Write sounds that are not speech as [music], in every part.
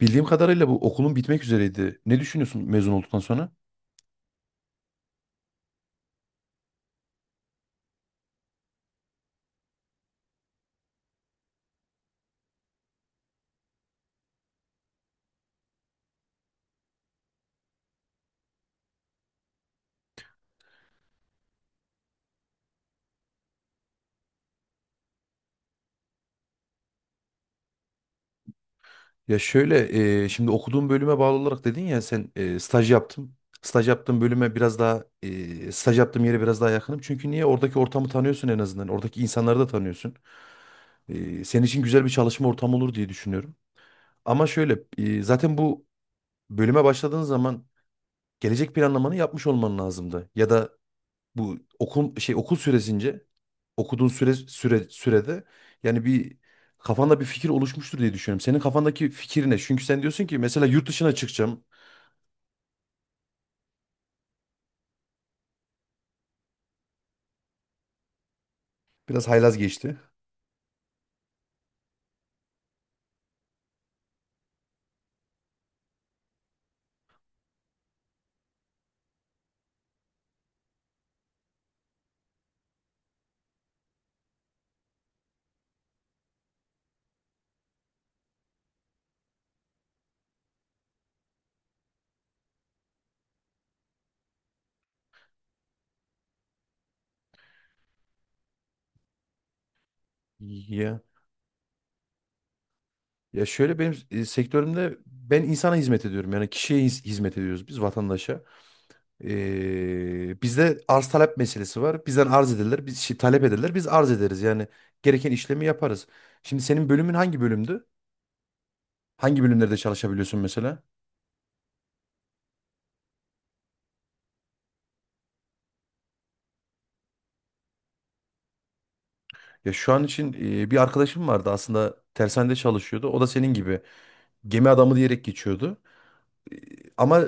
Bildiğim kadarıyla bu okulun bitmek üzereydi. Ne düşünüyorsun mezun olduktan sonra? Ya şöyle, şimdi okuduğum bölüme bağlı olarak dedin ya sen staj yaptım. Staj yaptığım bölüme biraz daha, staj yaptığım yere biraz daha yakınım. Çünkü niye? Oradaki ortamı tanıyorsun en azından. Oradaki insanları da tanıyorsun. Senin için güzel bir çalışma ortamı olur diye düşünüyorum. Ama şöyle, zaten bu bölüme başladığın zaman gelecek planlamanı yapmış olman lazımdı. Ya da bu okul süresince okuduğun sürede yani bir kafanda bir fikir oluşmuştur diye düşünüyorum. Senin kafandaki fikir ne? Çünkü sen diyorsun ki mesela yurt dışına çıkacağım. Biraz haylaz geçti. Ya ya şöyle benim sektörümde ben insana hizmet ediyorum. Yani kişiye hizmet ediyoruz biz vatandaşa. Bizde arz talep meselesi var. Bizden arz ederler, biz talep ederler, biz arz ederiz. Yani gereken işlemi yaparız. Şimdi senin bölümün hangi bölümdü? Hangi bölümlerde çalışabiliyorsun mesela? Ya şu an için bir arkadaşım vardı aslında tersanede çalışıyordu. O da senin gibi gemi adamı diyerek geçiyordu. Ama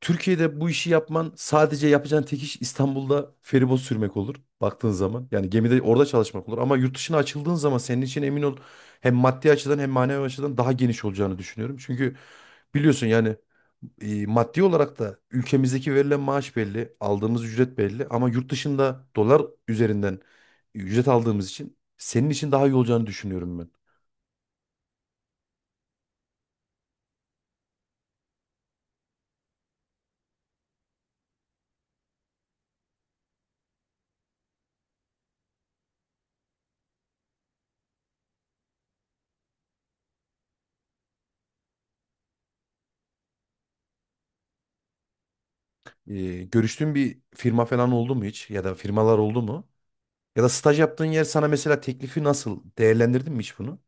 Türkiye'de bu işi yapman sadece yapacağın tek iş İstanbul'da feribot sürmek olur baktığın zaman. Yani gemide orada çalışmak olur ama yurt dışına açıldığın zaman senin için emin ol hem maddi açıdan hem manevi açıdan daha geniş olacağını düşünüyorum. Çünkü biliyorsun yani maddi olarak da ülkemizdeki verilen maaş belli, aldığımız ücret belli ama yurt dışında dolar üzerinden ücret aldığımız için senin için daha iyi olacağını düşünüyorum ben. Görüştüğün bir firma falan oldu mu hiç ya da firmalar oldu mu? Ya da staj yaptığın yer sana mesela teklifi nasıl? Değerlendirdin mi hiç bunu?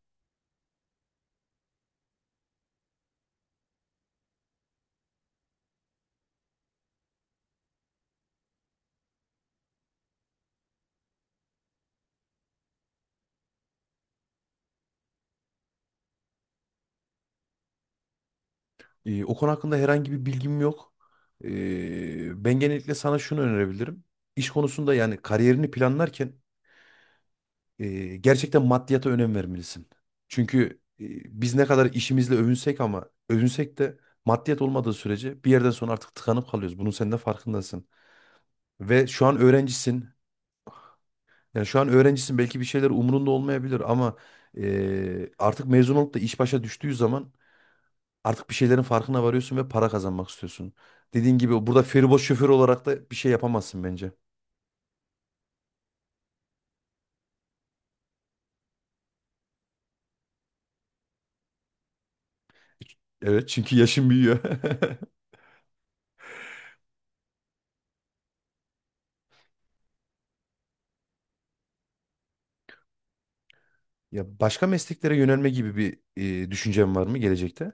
O konu hakkında herhangi bir bilgim yok. Ben genellikle sana şunu önerebilirim. İş konusunda yani kariyerini planlarken gerçekten maddiyata önem vermelisin. Çünkü biz ne kadar işimizle övünsek ama övünsek de maddiyat olmadığı sürece bir yerden sonra artık tıkanıp kalıyoruz. Bunun sen de farkındasın. Ve şu an öğrencisin. Yani şu an öğrencisin, belki bir şeyler umurunda olmayabilir ama artık mezun olup da iş başa düştüğü zaman artık bir şeylerin farkına varıyorsun ve para kazanmak istiyorsun. Dediğin gibi burada feribot şoför olarak da bir şey yapamazsın bence. Evet, çünkü yaşın büyüyor. [laughs] Ya başka mesleklere yönelme gibi bir düşüncen var mı gelecekte?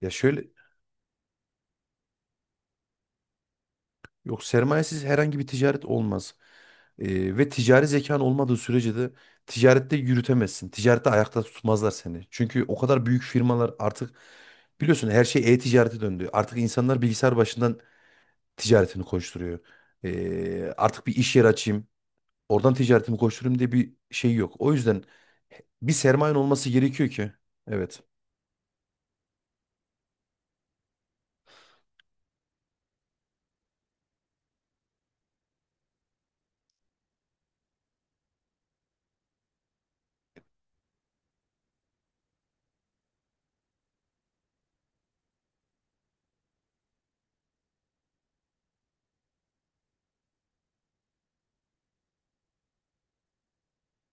Ya şöyle, yok, sermayesiz herhangi bir ticaret olmaz. Ve ticari zekan olmadığı sürece de ticarette yürütemezsin. Ticarette ayakta tutmazlar seni. Çünkü o kadar büyük firmalar artık, biliyorsun, her şey e-ticarete döndü. Artık insanlar bilgisayar başından ticaretini koşturuyor. Artık bir iş yeri açayım, oradan ticaretimi koşturayım diye bir şey yok. O yüzden bir sermayen olması gerekiyor ki. Evet.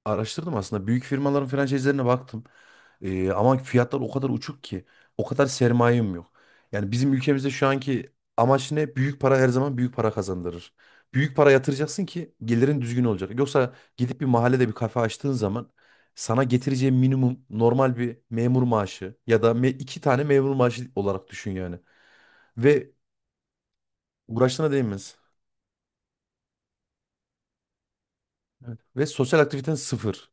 Araştırdım aslında. Büyük firmaların franchise'lerine baktım. Ama fiyatlar o kadar uçuk ki. O kadar sermayem yok. Yani bizim ülkemizde şu anki amaç ne? Büyük para her zaman büyük para kazandırır. Büyük para yatıracaksın ki gelirin düzgün olacak. Yoksa gidip bir mahallede bir kafe açtığın zaman sana getireceği minimum normal bir memur maaşı ya da iki tane memur maaşı olarak düşün yani. Ve uğraştığına değmez. Evet. Ve sosyal aktiviten sıfır.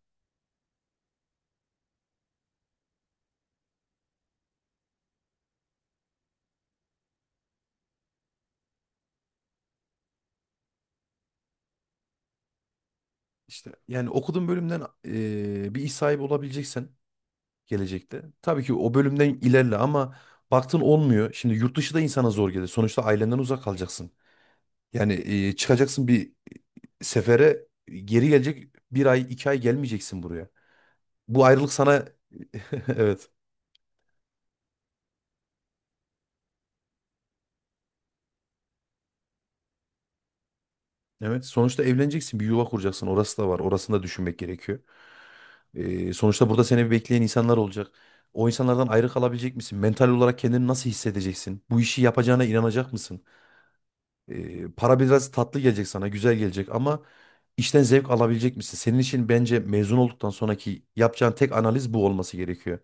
İşte yani okuduğun bölümden bir iş sahibi olabileceksen gelecekte. Tabii ki o bölümden ilerle ama baktın olmuyor. Şimdi yurt dışı da insana zor gelir. Sonuçta ailenden uzak kalacaksın. Yani çıkacaksın bir sefere geri gelecek, bir ay iki ay gelmeyeceksin buraya. Bu ayrılık sana [laughs] evet. Evet, sonuçta evleneceksin, bir yuva kuracaksın. Orası da var, orasını da düşünmek gerekiyor. Sonuçta burada seni bekleyen insanlar olacak. O insanlardan ayrı kalabilecek misin? Mental olarak kendini nasıl hissedeceksin? Bu işi yapacağına inanacak mısın? Para biraz tatlı gelecek sana, güzel gelecek ama işten zevk alabilecek misin? Senin için bence mezun olduktan sonraki yapacağın tek analiz bu olması gerekiyor.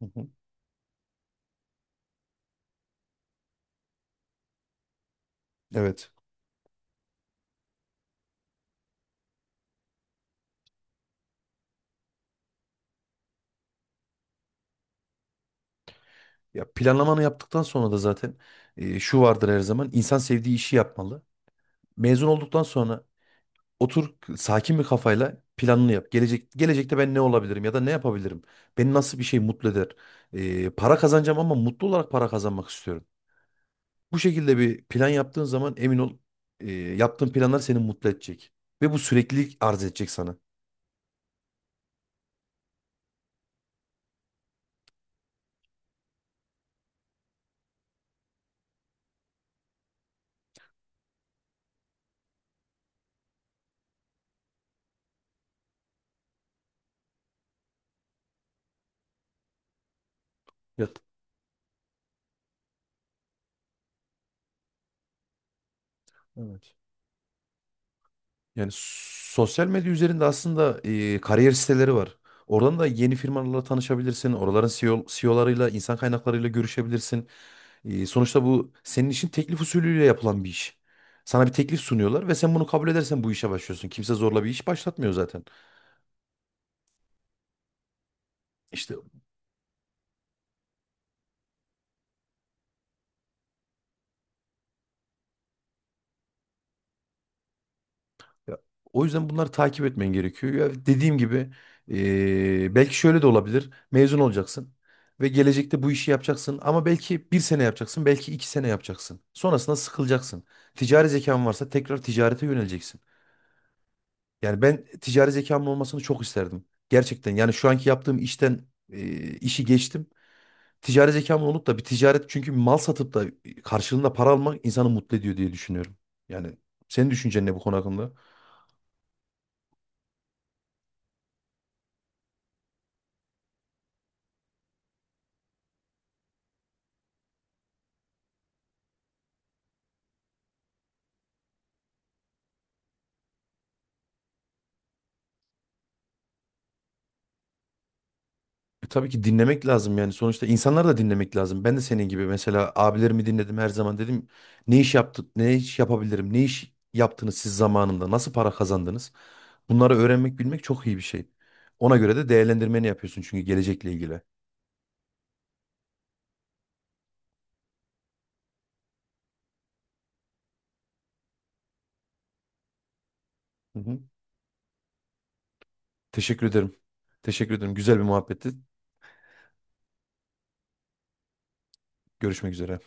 Hı hı. Evet. Ya planlamanı yaptıktan sonra da zaten şu vardır, her zaman insan sevdiği işi yapmalı. Mezun olduktan sonra otur sakin bir kafayla planını yap. Gelecekte ben ne olabilirim ya da ne yapabilirim? Beni nasıl bir şey mutlu eder? Para kazanacağım ama mutlu olarak para kazanmak istiyorum. Bu şekilde bir plan yaptığın zaman emin ol yaptığın planlar seni mutlu edecek. Ve bu süreklilik arz edecek sana. Ya- Evet. Yani sosyal medya üzerinde aslında kariyer siteleri var. Oradan da yeni firmalarla tanışabilirsin. Oraların CEO'larıyla, insan kaynaklarıyla görüşebilirsin. Sonuçta bu senin için teklif usulüyle yapılan bir iş. Sana bir teklif sunuyorlar ve sen bunu kabul edersen bu işe başlıyorsun. Kimse zorla bir iş başlatmıyor zaten. İşte ya, o yüzden bunları takip etmen gerekiyor. Ya dediğim gibi, belki şöyle de olabilir. Mezun olacaksın ve gelecekte bu işi yapacaksın ama belki bir sene yapacaksın, belki iki sene yapacaksın. Sonrasında sıkılacaksın. Ticari zekan varsa tekrar ticarete yöneleceksin. Yani ben ticari zekamın olmasını çok isterdim. Gerçekten yani şu anki yaptığım işten işi geçtim. Ticari zekamın olup da bir ticaret, çünkü mal satıp da karşılığında para almak insanı mutlu ediyor diye düşünüyorum. Yani senin düşüncen ne bu konu hakkında? Tabii ki dinlemek lazım yani, sonuçta insanları da dinlemek lazım. Ben de senin gibi mesela abilerimi dinledim her zaman, dedim ne iş yaptı, ne iş yapabilirim, ne iş yaptınız siz zamanında, nasıl para kazandınız? Bunları öğrenmek, bilmek çok iyi bir şey. Ona göre de değerlendirmeni yapıyorsun çünkü gelecekle ilgili. Hı hı. Teşekkür ederim. Teşekkür ederim. Güzel bir muhabbetti. Görüşmek üzere.